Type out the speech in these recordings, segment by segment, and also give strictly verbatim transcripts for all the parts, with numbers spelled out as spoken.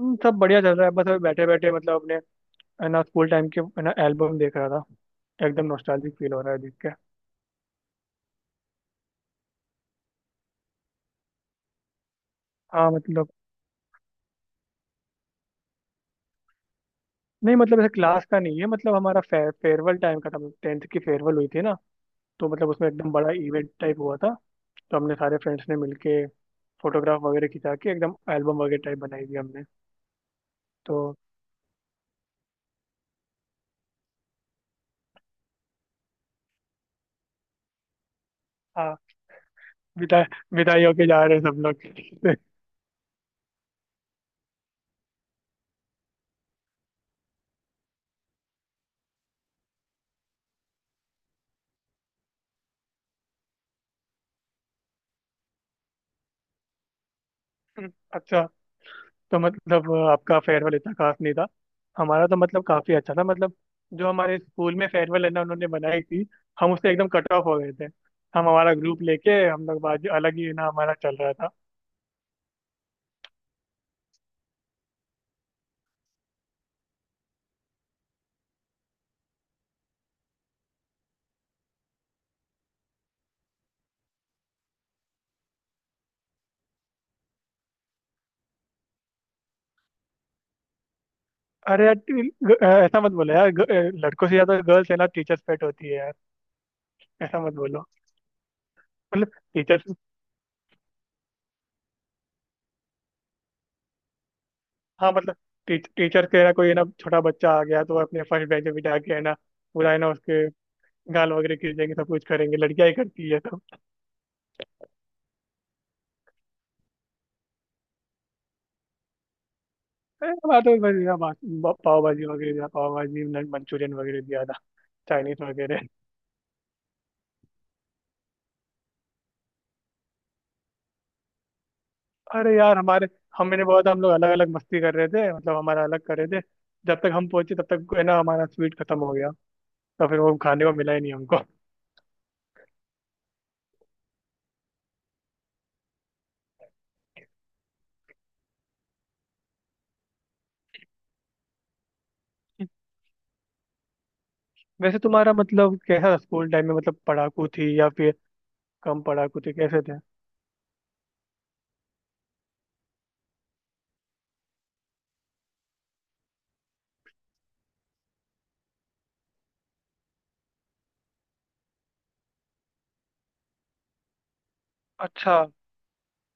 हम्म, सब बढ़िया चल रहा है। बस अभी बैठे बैठे मतलब अपने है ना स्कूल टाइम के है ना एल्बम देख रहा था। एकदम नॉस्टैल्जिक फील हो रहा है देख के। हाँ मतलब नहीं मतलब ऐसे क्लास का नहीं है। मतलब हमारा फे, फेयरवेल टाइम का था। टेंथ की फेयरवेल हुई थी ना। तो मतलब उसमें एकदम बड़ा इवेंट टाइप हुआ था। तो हमने सारे फ्रेंड्स ने मिलके फोटोग्राफ वगैरह खिंचा के एकदम एल्बम वगैरह टाइप बनाई थी हमने। तो हाँ विदाई, विदाई होके जा रहे हैं सब लोग। अच्छा। तो मतलब अ, आपका फेयरवेल इतना खास नहीं था। हमारा तो मतलब काफी अच्छा था। मतलब जो हमारे स्कूल में फेयरवेल है ना उन्होंने बनाई थी। हम उससे एकदम कट ऑफ हो गए थे। हम हमारा ग्रुप लेके हम लोग बाजू अलग ही ना हमारा चल रहा था। अरे यार टी- ग- अ, ऐसा मत बोलो यार ग- अ, लड़कों से ज्यादा गर्ल्स है ना टीचर्स पेट होती है यार। ऐसा मत बोलो। मतलब टीचर्स। हाँ मतलब टीच, टीचर के ना कोई ना छोटा बच्चा आ गया तो वो अपने फर्स्ट बेंच पे बिठा के है ना पूरा है ना उसके गाल वगैरह खींचेंगे सब कुछ करेंगे। लड़कियां ही करती है। अरे हमारा तो बस यहाँ बा- पाव भाजी वगैरह दिया, पाव भाजी नन- मंचूरियन वगैरह दिया था। चाइनीज वगैरह। अरे यार हमारे, हम मैंने बोला था हम लोग अलग अलग मस्ती कर रहे थे। मतलब हमारा अलग कर रहे थे। जब तक हम पहुंचे तब तक है ना हमारा स्वीट खत्म हो गया। तो फिर वो खाने को मिला ही नहीं हमको। वैसे तुम्हारा मतलब कैसा था स्कूल टाइम में? मतलब पढ़ाकू थी या फिर कम पढ़ाकू थी, कैसे थे? अच्छा।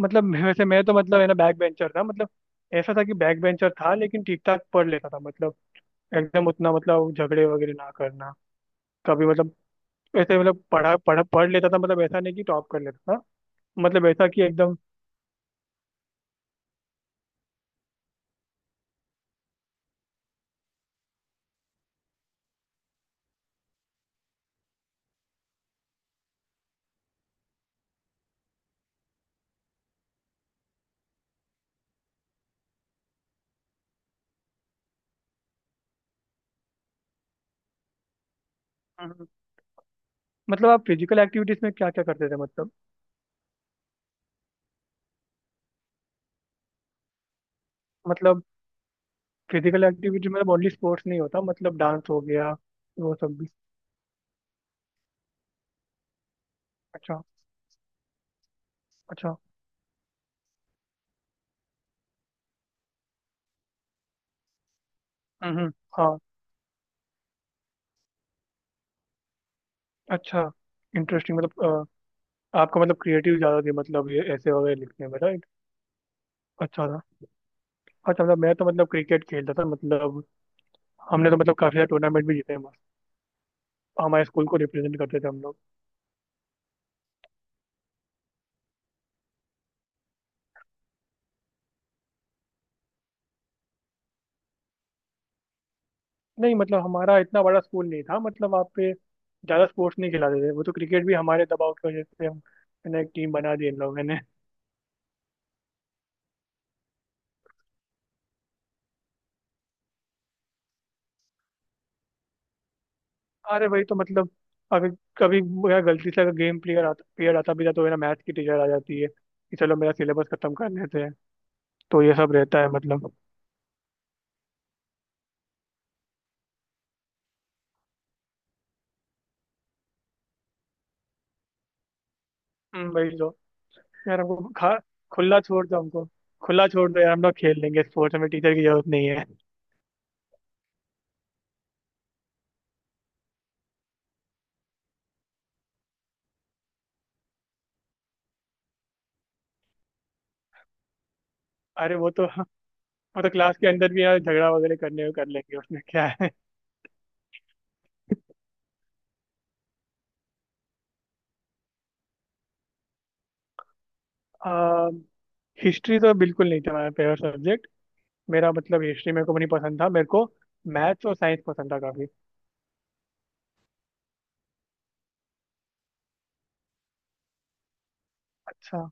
मतलब मैं- वैसे मैं तो मतलब है ना बैक बेंचर था। मतलब ऐसा था कि बैक बेंचर था लेकिन ठीक ठाक पढ़ लेता था। मतलब एकदम उतना मतलब झगड़े वगैरह ना करना कभी। मतलब ऐसे मतलब पढ़ा पढ़ा पढ़ लेता था। मतलब ऐसा नहीं कि टॉप कर लेता था। मतलब ऐसा कि एकदम। हम्म। मतलब आप फिजिकल एक्टिविटीज में क्या क्या करते थे मतलब? मतलब फिजिकल एक्टिविटीज में ओनली स्पोर्ट्स नहीं होता। मतलब डांस हो गया, वो सब भी। अच्छा। अच्छा। हम्म। हाँ। अच्छा। इंटरेस्टिंग। मतलब अ, आपका मतलब क्रिएटिव ज़्यादा थी। मतलब ये ऐसे वगैरह लिखने में राइट। अच्छा था। अच्छा मतलब मैं तो मतलब क्रिकेट खेलता था। मतलब हमने तो मतलब काफ़ी सारे टूर्नामेंट भी जीते हैं मस्त। हमारे स्कूल को रिप्रेजेंट करते थे हम लोग। नहीं मतलब हमारा इतना बड़ा स्कूल नहीं था। मतलब वहाँ पे ज़्यादा स्पोर्ट्स नहीं खिलाते थे। वो तो क्रिकेट भी हमारे दबाव की वजह से हम मैंने एक टीम बना दी इन लोगों ने। अरे भाई तो मतलब अगर कभी मेरा गलती से अगर गेम प्लेयर आता, प्लेयर आता भी था तो मेरा मैथ की टीचर आ जाती है कि चलो मेरा सिलेबस खत्म कर लेते हैं। तो ये सब रहता है मतलब। हम्म, वही तो। यार हमको खा खुला छोड़ दो हमको। खुला छोड़ दो यार, हम लोग खेल लेंगे स्पोर्ट्स। हमें टीचर की जरूरत नहीं है। अरे वो तो, वो तो क्लास के अंदर भी यार झगड़ा वगैरह करने को कर लेंगे। उसमें क्या है। हिस्ट्री तो बिल्कुल नहीं था मेरा फेवरेट सब्जेक्ट। मेरा मतलब हिस्ट्री मेरे को भी नहीं पसंद था। मेरे को मैथ्स और साइंस पसंद था काफी। अच्छा।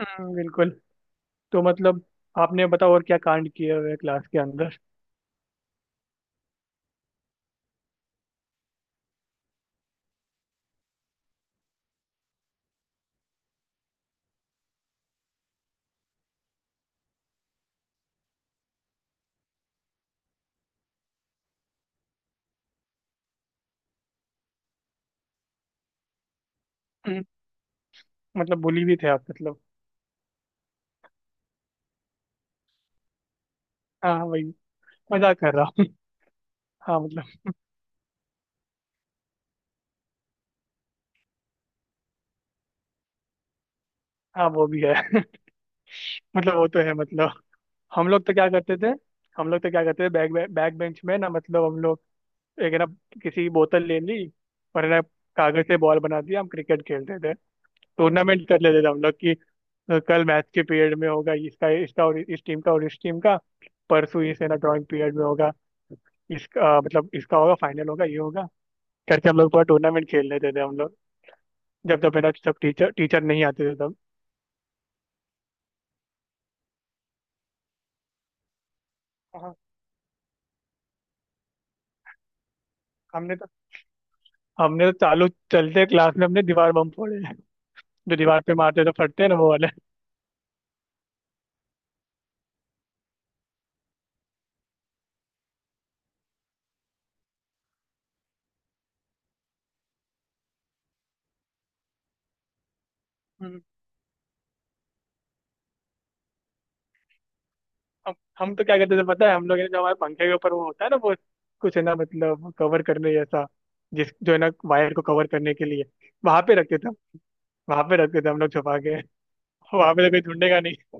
हम्म, बिल्कुल। तो मतलब आपने बताओ और क्या कांड किए हुए क्लास के अंदर। हम्म, मतलब बुली भी थे आप मतलब? हाँ वही, मजाक कर रहा हूँ। हाँ मतलब। हाँ वो भी है। मतलब वो तो है मतलब। हम लोग तो क्या करते थे, हम लोग तो क्या करते थे बैक बैक बेंच में ना मतलब हम लोग एक है ना किसी की बोतल ले ली और है ना कागज से बॉल बना दिया, हम क्रिकेट खेलते। टूर्नामेंट कर लेते थे हम लोग कि अ, कल मैथ के पीरियड में होगा इसका, इसका और इस टीम का और इस टीम का, परसों इस है ना ड्राइंग पीरियड में होगा इसका, अ, मतलब इसका होगा, फाइनल होगा, ये होगा, करके हम लोग पूरा टूर्नामेंट खेल लेते थे हम लोग। जब जब है ना सब टीचर टीचर नहीं आते थे तब। हाँ, हमने तो, हमने तो चालू चलते क्लास में हमने दीवार बम फोड़े हैं। जो दीवार पे मारते तो फटते हैं ना वो वाले। हम हम तो क्या करते थे पता है? हम लोग है ना, जो हमारे पंखे के ऊपर वो होता है ना वो कुछ है ना मतलब कवर करने जैसा, जिस जो है ना वायर को कवर करने के लिए, वहां पे रखते थे, वहां पे रखते थे हम लोग छुपा के। वहां पे तो कोई ढूंढेगा नहीं।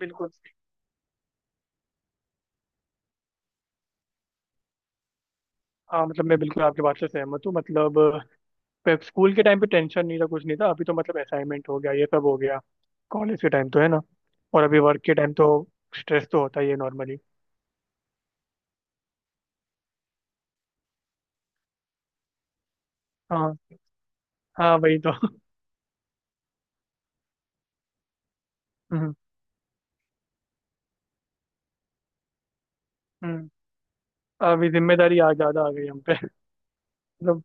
बिल्कुल। हाँ मतलब मैं बिल्कुल आपकी बात से सहमत हूँ। मतलब पे- स्कूल के टाइम पे टेंशन नहीं था, कुछ नहीं था। अभी तो मतलब असाइनमेंट हो गया, ये सब हो गया, कॉलेज के टाइम तो है ना, और अभी वर्क के टाइम तो स्ट्रेस तो होता ही है नॉर्मली। हाँ, हाँ वही तो। हम्म। हम्म। अभी जिम्मेदारी आ ज्यादा आ गई हम पे। मतलब।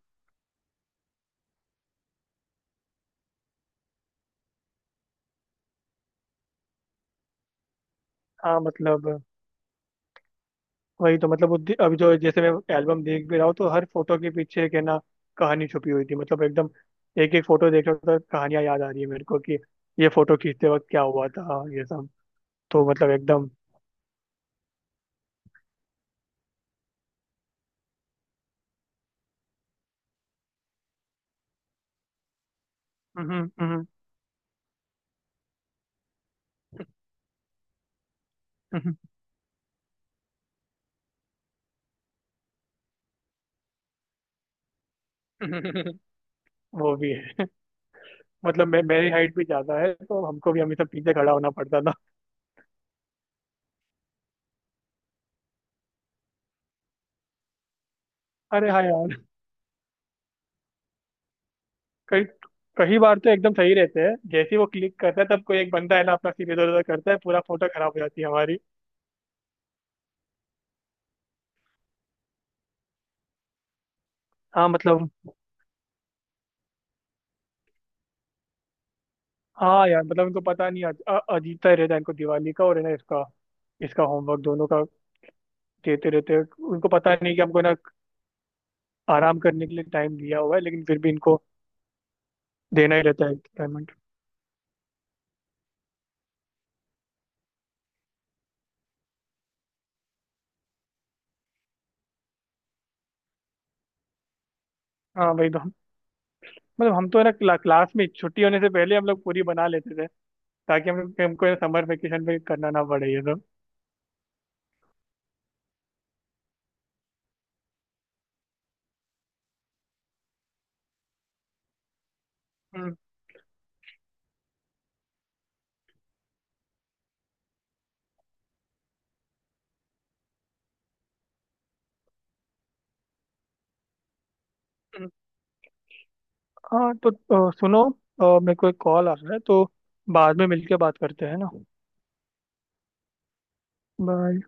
हाँ मतलब वही तो। मतलब उद्दि- अभी जो जैसे मैं एल्बम देख भी रहा हूँ तो हर फोटो के पीछे एक है ना कहानी छुपी हुई थी। मतलब एकदम एक एक फोटो देख रहा हूँ तो कहानियां याद आ रही है मेरे को कि ये फोटो खींचते वक्त क्या हुआ था ये सब। तो मतलब एकदम। हम्म, हम्म। हम्म, हम्म। वो भी है। मतलब मैं मेरी हाइट भी ज्यादा है तो हमको भी हमेशा पीछे खड़ा होना पड़ता था। अरे हाँ यार। कई, कई बार तो एकदम सही रहते हैं, जैसे ही वो क्लिक करता है तब कोई एक बंदा है ना अपना सिर इधर उधर करता है, पूरा फोटो खराब हो जाती है हमारी। हाँ मतलब। हाँ यार मतलब उनको पता नहीं अ- अ- अजीता ही रहता है इनको दिवाली का और है ना इसका, इसका होमवर्क दोनों का देते रहते हैं। उनको पता नहीं कि हमको ना आराम करने के लिए टाइम दिया हुआ है लेकिन फिर भी इनको देना ही रहता है पेमेंट। हाँ वही तो। हम मतलब हम तो है ना क्ला, क्लास में छुट्टी होने से पहले हम लोग पूरी बना लेते थे ताकि हम हमको समर वेकेशन पे करना ना पड़े ये सब। हम्म, हम्म। हाँ तो अ, सुनो, अ, मेरे को एक कॉल आ रहा है तो बाद में मिलके बात करते हैं ना। बाय।